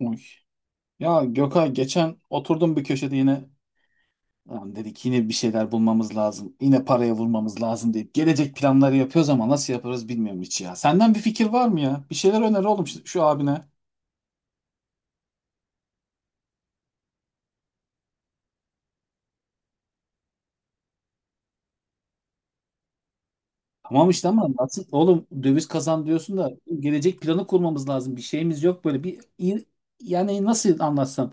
Uy. Ya Gökay geçen oturdum bir köşede yine, "Lan" dedik, yine bir şeyler bulmamız lazım. Yine paraya vurmamız lazım deyip gelecek planları yapıyoruz ama nasıl yaparız bilmiyorum hiç ya. Senden bir fikir var mı ya? Bir şeyler öner oğlum şu abine. Tamam işte ama nasıl oğlum döviz kazan diyorsun da gelecek planı kurmamız lazım. Bir şeyimiz yok böyle bir, yani nasıl anlatsam.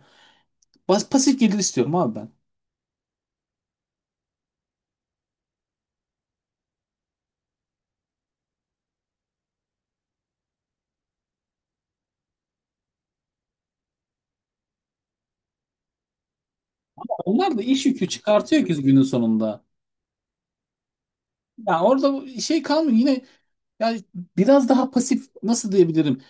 Pasif gelir istiyorum abi ben. Onlar da iş yükü çıkartıyor ki günün sonunda. Ya orada şey kalmıyor yine, yani biraz daha pasif nasıl diyebilirim?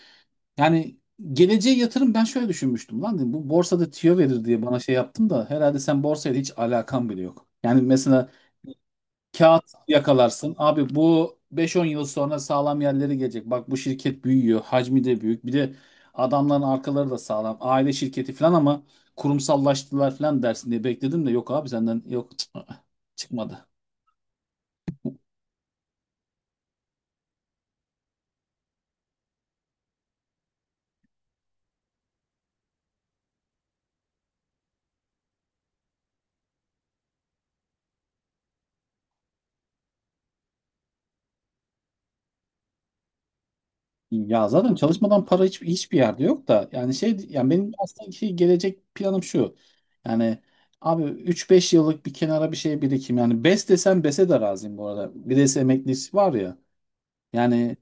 Yani geleceğe yatırım ben şöyle düşünmüştüm, lan dedim, bu borsada tüyo verir diye bana şey yaptım da herhalde, sen borsayla hiç alakan bile yok. Yani mesela kağıt yakalarsın abi, bu 5-10 yıl sonra sağlam yerlere gelecek. Bak bu şirket büyüyor, hacmi de büyük. Bir de adamların arkaları da sağlam. Aile şirketi falan ama kurumsallaştılar falan dersin diye bekledim de yok abi, senden yok çıkmadı. Ya zaten çalışmadan para hiçbir yerde yok da, yani şey, yani benim aslında ki gelecek planım şu. Yani abi üç beş yıllık bir kenara bir şey birikim. Yani BES desem BES'e de razıyım bu arada. BES emeklisi var ya. Yani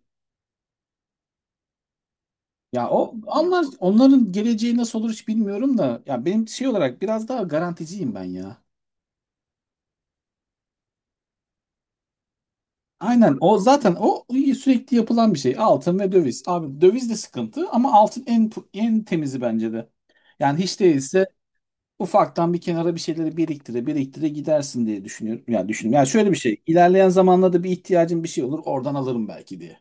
ya o, onlar, onların geleceği nasıl olur hiç bilmiyorum da, ya benim şey olarak biraz daha garanticiyim ben ya. Aynen, o zaten o sürekli yapılan bir şey. Altın ve döviz. Abi döviz de sıkıntı ama altın en temizi bence de. Yani hiç değilse ufaktan bir kenara bir şeyleri biriktire biriktire gidersin diye düşünüyorum. Yani düşünüyorum. Yani şöyle bir şey. İlerleyen zamanlarda bir ihtiyacım bir şey olur. Oradan alırım belki diye.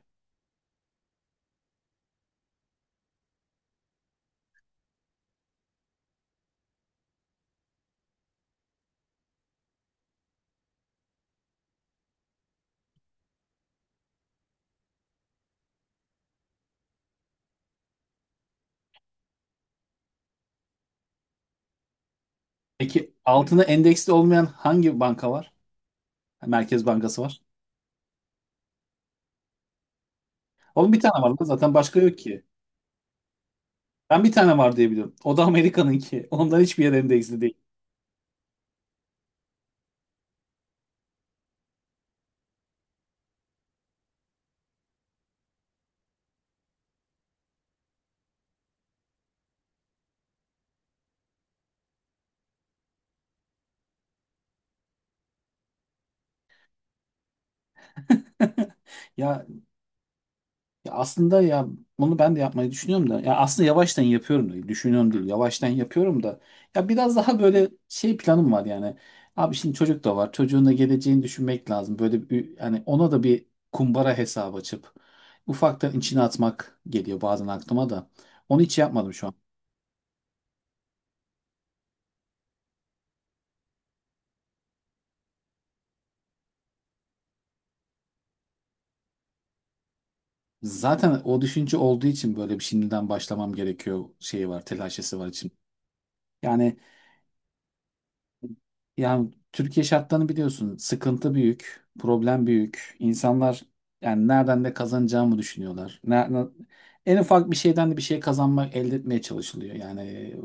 Peki altına endeksli olmayan hangi banka var? Merkez Bankası var. Oğlum bir tane var da zaten başka yok ki. Ben bir tane var diye biliyorum. O da Amerika'nınki. Ondan hiçbir yer endeksli değil. Ya Ya aslında ya, bunu ben de yapmayı düşünüyorum da, ya aslında yavaştan yapıyorum da, düşünüyorum değil yavaştan yapıyorum da, ya biraz daha böyle şey planım var yani. Abi şimdi çocuk da var, çocuğun da geleceğini düşünmek lazım, böyle bir, yani ona da bir kumbara hesabı açıp ufaktan içine atmak geliyor bazen aklıma da, onu hiç yapmadım şu an. Zaten o düşünce olduğu için böyle bir şimdiden başlamam gerekiyor şeyi var, telaşesi var için. Yani. Yani Türkiye şartlarını biliyorsun. Sıkıntı büyük, problem büyük. İnsanlar yani nereden de kazanacağımı düşünüyorlar. En ufak bir şeyden de bir şey kazanmak, elde etmeye çalışılıyor. Yani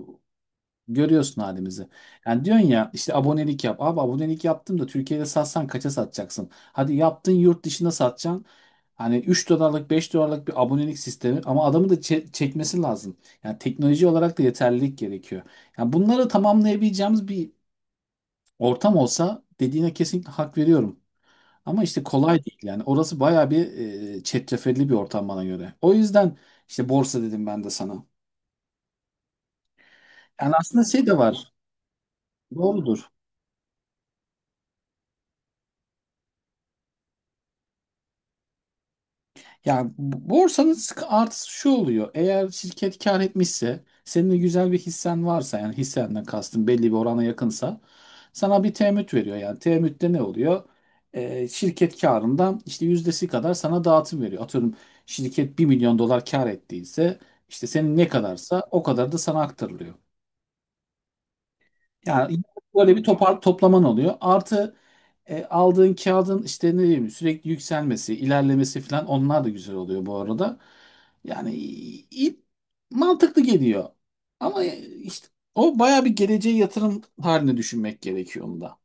görüyorsun halimizi. Yani diyorsun ya işte, abonelik yap. Abi abonelik yaptım da Türkiye'de satsan kaça satacaksın? Hadi yaptın, yurt dışında satacaksın. Hani 3 dolarlık 5 dolarlık bir abonelik sistemi ama adamı da çekmesi lazım. Yani teknoloji olarak da yeterlilik gerekiyor. Yani bunları tamamlayabileceğimiz bir ortam olsa, dediğine kesinlikle hak veriyorum. Ama işte kolay değil yani. Orası bayağı bir çetrefilli bir ortam bana göre. O yüzden işte borsa dedim ben de sana. Yani aslında şey de var. Doğrudur. Yani borsanın artısı şu oluyor. Eğer şirket kar etmişse, senin de güzel bir hissen varsa, yani hissenden kastım belli bir orana yakınsa, sana bir temettü veriyor yani. Temettüde ne oluyor? Şirket karından işte yüzdesi kadar sana dağıtım veriyor. Atıyorum, şirket 1 milyon dolar kar ettiyse, işte senin ne kadarsa o kadar da sana aktarılıyor. Yani böyle bir toplaman oluyor. Artı aldığın kağıdın işte, ne diyeyim, sürekli yükselmesi, ilerlemesi falan, onlar da güzel oluyor bu arada. Yani mantıklı geliyor. Ama işte o bayağı bir geleceğe yatırım haline düşünmek gerekiyor onda.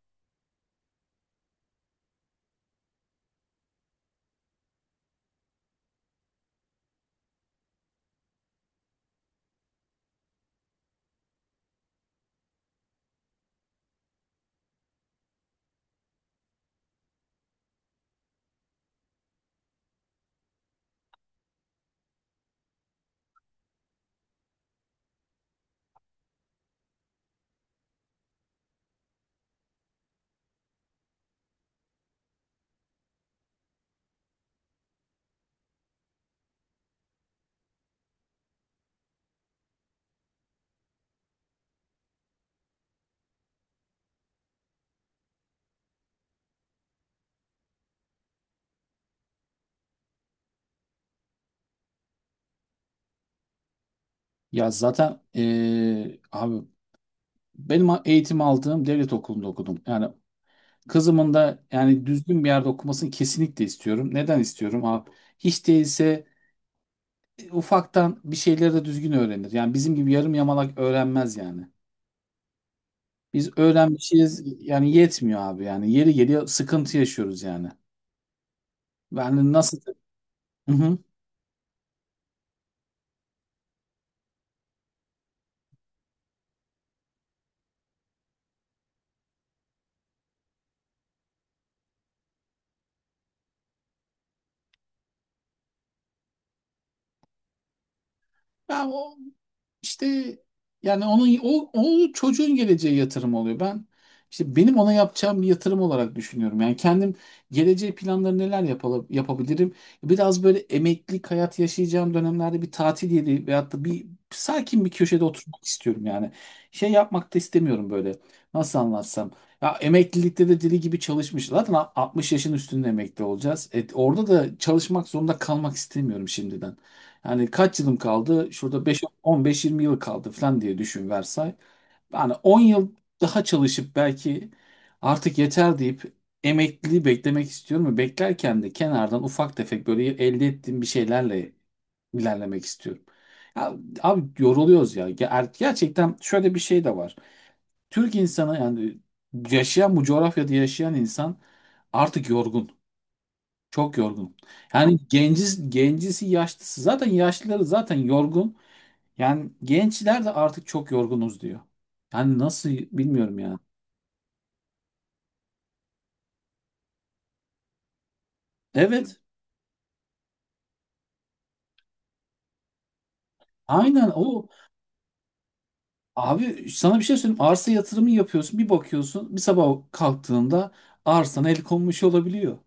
Ya zaten abi, benim eğitim aldığım devlet okulunda okudum. Yani kızımın da yani düzgün bir yerde okumasını kesinlikle istiyorum. Neden istiyorum abi? Hiç değilse ufaktan bir şeyleri de düzgün öğrenir. Yani bizim gibi yarım yamalak öğrenmez yani. Biz öğrenmişiz yani yetmiyor abi yani. Yeri geliyor sıkıntı yaşıyoruz yani. Yani nasıl... Hı hı. Ya o, İşte yani onun, o çocuğun geleceğe yatırım oluyor. Ben, işte benim ona yapacağım bir yatırım olarak düşünüyorum. Yani kendim geleceğe planları neler yapabilirim? Biraz böyle emeklilik hayat yaşayacağım dönemlerde bir tatil yeri veyahut da bir sakin bir köşede oturmak istiyorum yani. Şey yapmak da istemiyorum böyle. Nasıl anlatsam? Ya emeklilikte de deli gibi çalışmış. Zaten 60 yaşın üstünde emekli olacağız. Orada da çalışmak zorunda kalmak istemiyorum şimdiden. Yani kaç yılım kaldı? Şurada 5, 15-20 yıl kaldı falan diye düşün Versay. Yani 10 yıl daha çalışıp belki artık yeter deyip emekliliği beklemek istiyorum ve beklerken de kenardan ufak tefek böyle elde ettiğim bir şeylerle ilerlemek istiyorum. Ya, abi yoruluyoruz ya. Gerçekten şöyle bir şey de var. Türk insanı yani, yaşayan bu coğrafyada yaşayan insan artık yorgun. Çok yorgun. Yani genciz, gencisi yaşlısı, zaten yaşlıları zaten yorgun. Yani gençler de artık çok yorgunuz diyor. Yani nasıl bilmiyorum yani. Evet. Aynen o. Abi sana bir şey söyleyeyim. Arsa yatırımı yapıyorsun. Bir bakıyorsun. Bir sabah kalktığında arsana el konmuş olabiliyor.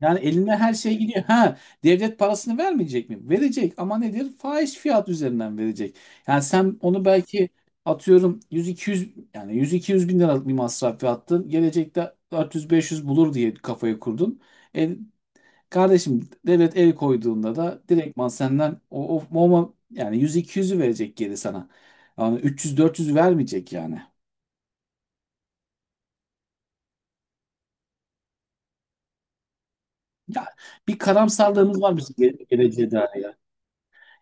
Yani eline her şey gidiyor. Ha, devlet parasını vermeyecek mi? Verecek ama nedir? Fahiş fiyat üzerinden verecek. Yani sen onu belki, atıyorum, 100-200, yani 100-200 bin liralık bir masraf yaptın. Gelecekte 400-500 bulur diye kafayı kurdun. E, Kardeşim devlet el koyduğunda da direktman senden o yani 100-200'ü verecek geri sana. Yani 300-400'ü vermeyecek yani. Ya bir karamsarlığımız var bizim geleceğe dair ya.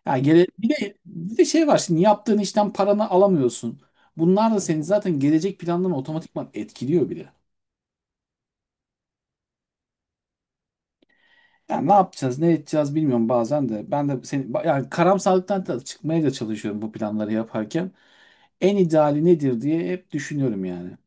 Ya bir de şey var, şimdi yaptığın işten paranı alamıyorsun. Bunlar da senin zaten gelecek planlarını otomatikman etkiliyor bile. Yani ne yapacağız, ne edeceğiz bilmiyorum bazen de. Ben de seni yani karamsarlıktan da çıkmaya da çalışıyorum bu planları yaparken. En ideali nedir diye hep düşünüyorum yani.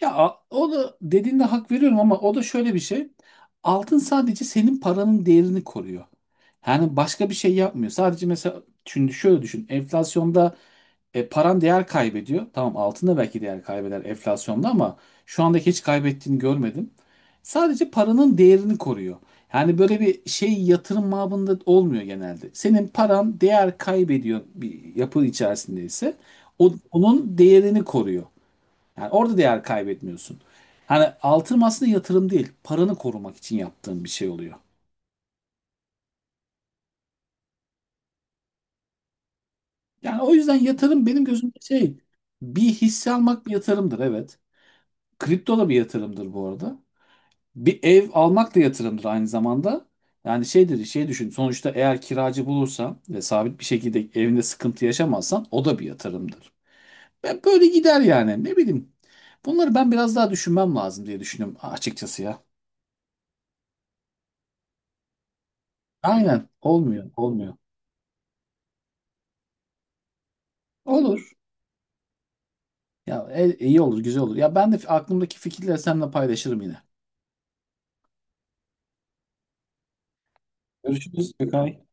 Ya o da dediğinde hak veriyorum ama o da şöyle bir şey. Altın sadece senin paranın değerini koruyor. Yani başka bir şey yapmıyor. Sadece mesela şimdi şöyle düşün. Enflasyonda paran değer kaybediyor. Tamam altın da belki değer kaybeder enflasyonda ama şu andaki hiç kaybettiğini görmedim. Sadece paranın değerini koruyor. Yani böyle bir şey yatırım mabında olmuyor genelde. Senin paran değer kaybediyor bir yapı içerisinde ise onun değerini koruyor. Yani orada değer kaybetmiyorsun. Hani altın aslında yatırım değil, paranı korumak için yaptığın bir şey oluyor. Yani o yüzden yatırım benim gözümde şey, bir hisse almak bir yatırımdır evet. Kripto da bir yatırımdır bu arada. Bir ev almak da yatırımdır aynı zamanda. Yani şeydir, şey düşün. Sonuçta eğer kiracı bulursan ve sabit bir şekilde evinde sıkıntı yaşamazsan o da bir yatırımdır. Ben böyle gider yani. Ne bileyim. Bunları ben biraz daha düşünmem lazım diye düşünüyorum açıkçası ya. Aynen. Olmuyor. Olmuyor. Olur. Ya iyi olur, güzel olur. Ya ben de aklımdaki fikirleri seninle paylaşırım yine. Görüşürüz Gökay.